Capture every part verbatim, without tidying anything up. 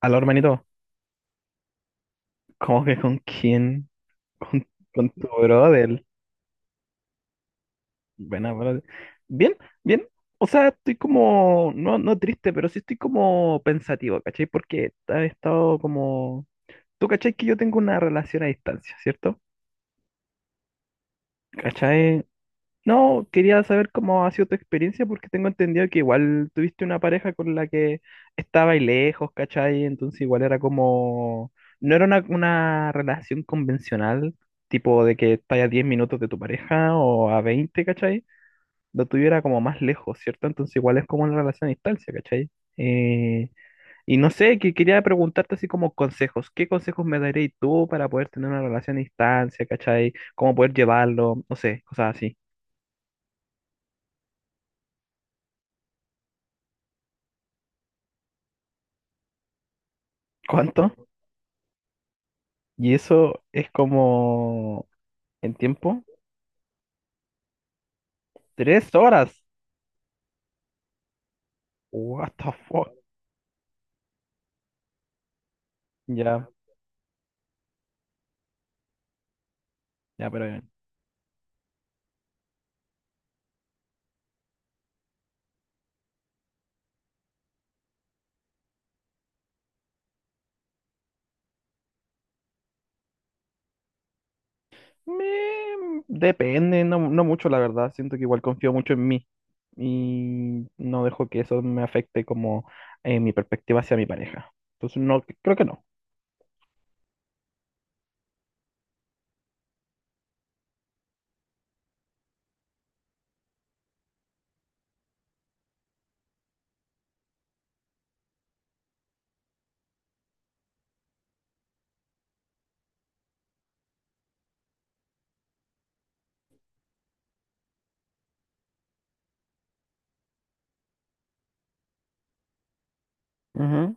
Aló, hermanito, ¿cómo que con quién? ¿Con, con tu brother? Buena, brother. Bien, bien. O sea, estoy como, no, no triste, pero sí estoy como pensativo, ¿cachai? Porque he estado como. Tú, ¿cachai? Que yo tengo una relación a distancia, ¿cierto? ¿Cachai? No, quería saber cómo ha sido tu experiencia porque tengo entendido que igual tuviste una pareja con la que estaba y lejos, ¿cachai? Entonces igual era como. No era una, una relación convencional, tipo de que estás a diez minutos de tu pareja o a veinte, ¿cachai? Lo tuviera como más lejos, ¿cierto? Entonces igual es como una relación a distancia, ¿cachai? Eh, y no sé, que quería preguntarte así como consejos. ¿Qué consejos me daréis tú para poder tener una relación a distancia, cachai? ¿Cómo poder llevarlo? No sé, cosas así. ¿Cuánto? Y eso es como en tiempo, tres horas. What the fuck. Ya, ya, pero bien. Me- depende, no, no mucho, la verdad. Siento que igual confío mucho en mí y no dejo que eso me afecte como eh, mi perspectiva hacia mi pareja. Entonces, no, creo que no. Ujú.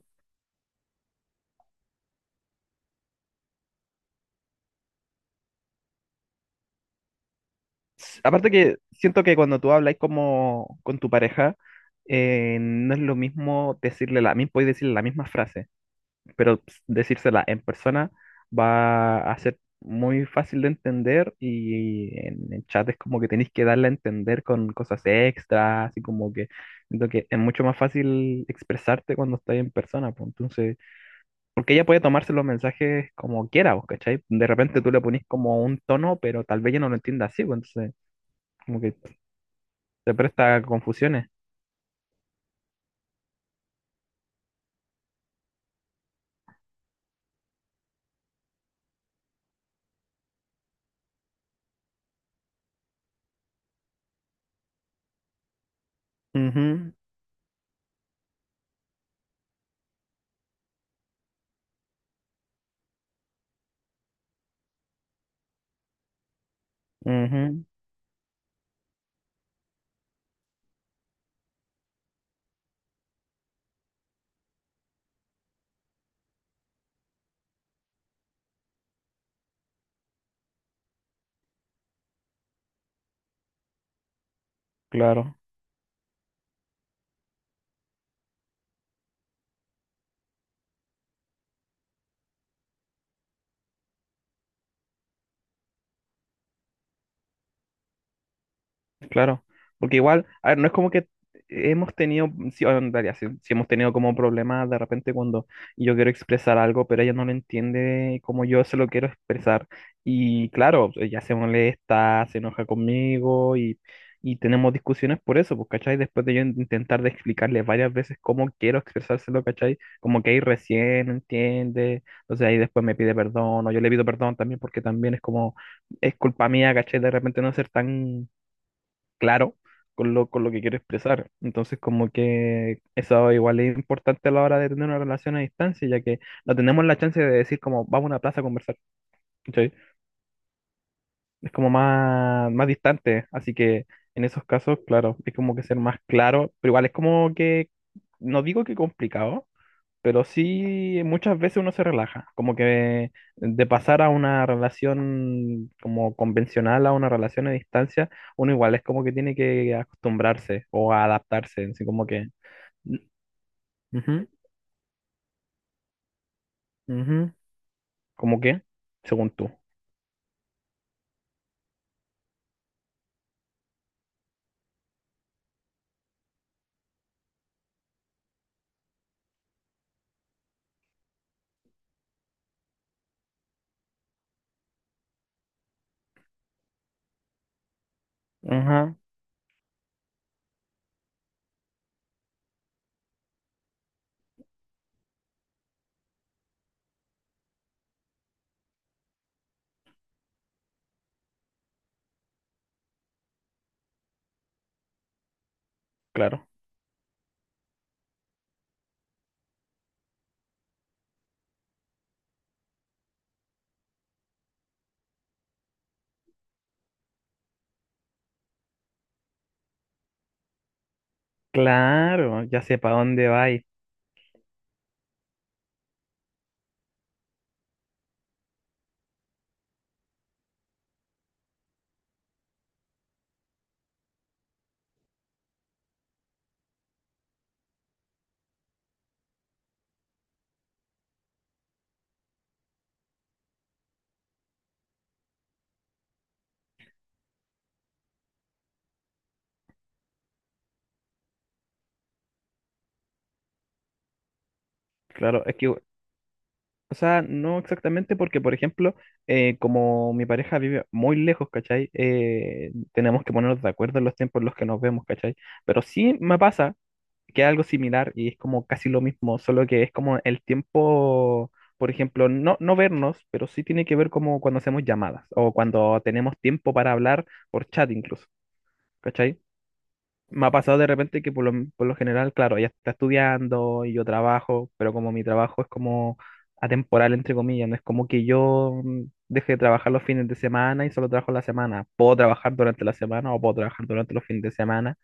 S- Aparte que siento que cuando tú hablas como con tu pareja, eh, no es lo mismo decirle la misma, podéis decirle la misma frase. Pero pues, decírsela en persona va a ser muy fácil de entender y en el chat es como que tenéis que darle a entender con cosas extras, así como que siento que es mucho más fácil expresarte cuando estás en persona, pues entonces, porque ella puede tomarse los mensajes como quiera, vos, ¿cachai? De repente tú le ponís como un tono, pero tal vez ella no lo entienda así, pues entonces como que te presta confusiones. Ujú, ujú, claro. Claro, porque igual, a ver, no es como que hemos tenido, sí, o en realidad, sí, sí hemos tenido como problemas de repente cuando yo quiero expresar algo, pero ella no lo entiende como yo se lo quiero expresar. Y claro, ella se molesta, se enoja conmigo y, y tenemos discusiones por eso, pues, ¿cachai? Después de yo in- intentar de explicarle varias veces cómo quiero expresárselo, ¿cachai? Como que ahí recién entiende, entonces ahí después me pide perdón, o yo le pido perdón también porque también es como, es culpa mía, ¿cachai? De repente no ser tan claro con lo, con lo que quiero expresar. Entonces, como que eso igual es importante a la hora de tener una relación a distancia, ya que no tenemos la chance de decir como vamos a una plaza a conversar, ¿cachai? Es como más, más distante, así que en esos casos, claro, es como que ser más claro, pero igual es como que, no digo que complicado, pero sí muchas veces uno se relaja, como que de pasar a una relación como convencional a una relación a distancia, uno igual es como que tiene que acostumbrarse o a adaptarse, así como que. Ujú, ujú, ¿cómo qué? Según tú. Ajá, claro. Claro, ya sé para dónde vais. Claro, es que, o sea, no exactamente porque, por ejemplo, eh, como mi pareja vive muy lejos, ¿cachai? Eh, tenemos que ponernos de acuerdo en los tiempos en los que nos vemos, ¿cachai? Pero sí me pasa que es algo similar y es como casi lo mismo, solo que es como el tiempo, por ejemplo, no, no vernos, pero sí tiene que ver como cuando hacemos llamadas o cuando tenemos tiempo para hablar por chat incluso, ¿cachai? Me ha pasado de repente que por lo, por lo general, claro, ella está estudiando y yo trabajo, pero como mi trabajo es como atemporal, entre comillas, no es como que yo mm, deje de trabajar los fines de semana y solo trabajo la semana. Puedo trabajar durante la semana o puedo trabajar durante los fines de semana,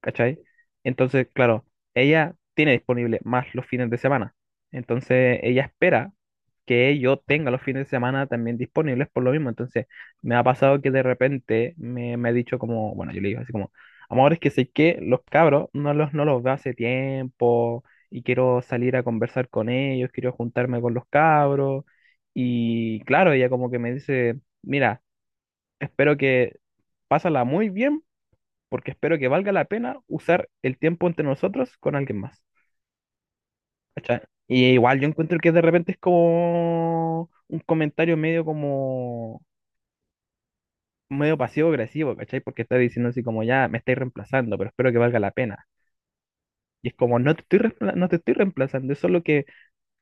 ¿cachai? Entonces, claro, ella tiene disponible más los fines de semana. Entonces, ella espera que yo tenga los fines de semana también disponibles por lo mismo. Entonces, me ha pasado que de repente me, me ha dicho como, bueno, yo le digo así como, amor, es que sé que los cabros no los, no los veo hace tiempo y quiero salir a conversar con ellos, quiero juntarme con los cabros. Y claro, ella como que me dice, mira, espero que pásala muy bien porque espero que valga la pena usar el tiempo entre nosotros con alguien más. ¿Cachai? Y igual yo encuentro que de repente es como un comentario medio como medio pasivo-agresivo, ¿cachai? Porque está diciendo así como ya me estáis reemplazando, pero espero que valga la pena. Y es como no te estoy reempla- no te estoy reemplazando, es solo que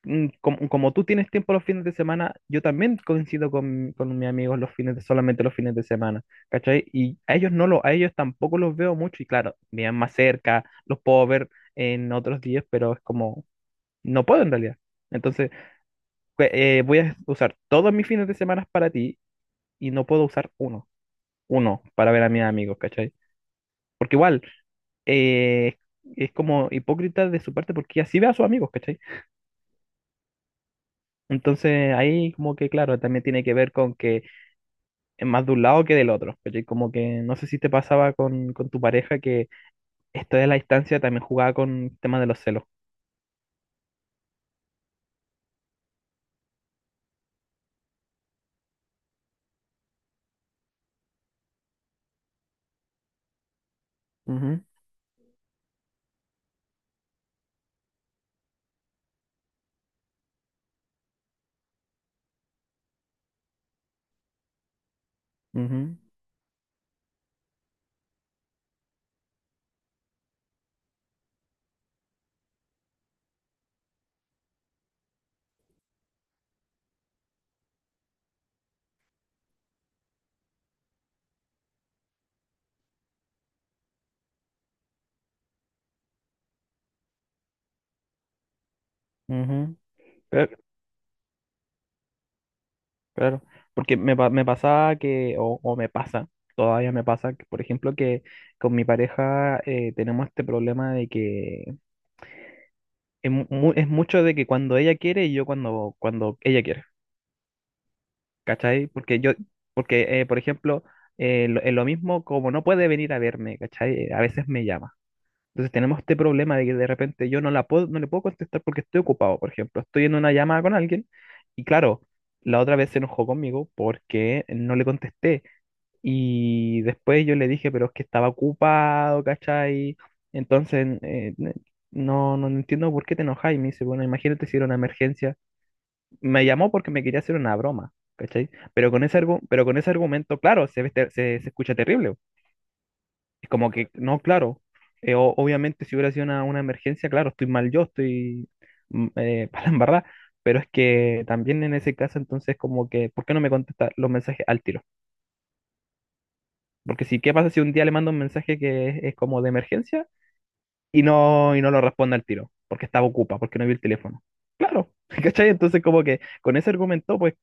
mm, como, como, tú tienes tiempo los fines de semana, yo también coincido con, con mis amigos los fines de, solamente los fines de semana, ¿cachai? Y a ellos no lo, a ellos tampoco los veo mucho y claro, viven más cerca, los puedo ver en otros días, pero es como, no puedo en realidad. Entonces, pues, eh, voy a usar todos mis fines de semana para ti y no puedo usar uno, uno para ver a mis amigos, ¿cachai? Porque igual, eh, es como hipócrita de su parte porque así ve a sus amigos, ¿cachai? Entonces ahí como que claro, también tiene que ver con que en más de un lado que del otro, ¿cachai? Como que no sé si te pasaba con, con, tu pareja que esto de la distancia también jugaba con el tema de los celos. Ujú, ujú, ujú. Claro, claro. Porque me, pa- me pasaba que, o, o me pasa, todavía me pasa, que, por ejemplo, que con mi pareja eh, tenemos este problema de que es, mu- mu- es mucho de que cuando ella quiere y yo cuando, cuando ella quiere, ¿cachai? Porque yo, porque, eh, por ejemplo, eh, lo, eh, lo mismo como no puede venir a verme, ¿cachai? A veces me llama. Entonces tenemos este problema de que de repente yo no la puedo, no le puedo contestar porque estoy ocupado, por ejemplo, estoy en una llamada con alguien y claro, la otra vez se enojó conmigo porque no le contesté y después yo le dije, pero es que estaba ocupado, ¿cachai? Entonces, eh, no, no entiendo por qué te enojas y me dice, bueno, imagínate si era una emergencia. Me llamó porque me quería hacer una broma, ¿cachai? Pero con ese, argu- pero con ese argumento, claro, se, ve ter- se se escucha terrible. Es como que, no, claro, eh, o- obviamente si hubiera sido una, una emergencia, claro, estoy mal yo, estoy mm, eh, para la embarrada, pero es que también en ese caso entonces como que, ¿por qué no me contesta los mensajes al tiro? Porque si, ¿qué pasa si un día le mando un mensaje que es, es como de emergencia y no, y no lo responde al tiro? Porque estaba ocupa, porque no vi el teléfono. Claro, ¿cachai? Entonces como que con ese argumento, pues,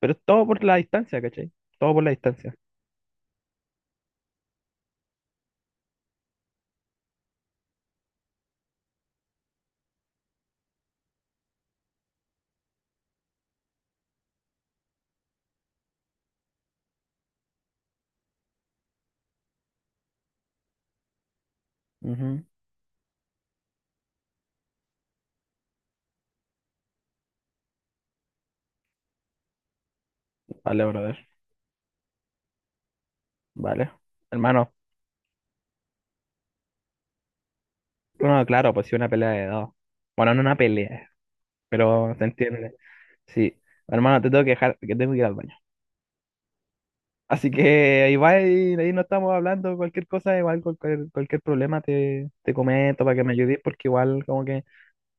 pero es todo por la distancia, ¿cachai? Todo por la distancia. Ujú. Vale, brother. Vale. Hermano. No claro, pues sí, una pelea de dos. Bueno, no una pelea, pero se entiende. Sí. Hermano, te tengo que dejar, que tengo que ir al baño. Así que ahí va, y ahí no estamos hablando cualquier cosa, igual cualquier, cualquier, problema te, te comento para que me ayudes, porque igual como que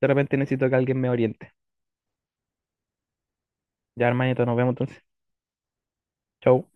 de repente necesito que alguien me oriente. Ya, hermanito, nos vemos entonces. Chau.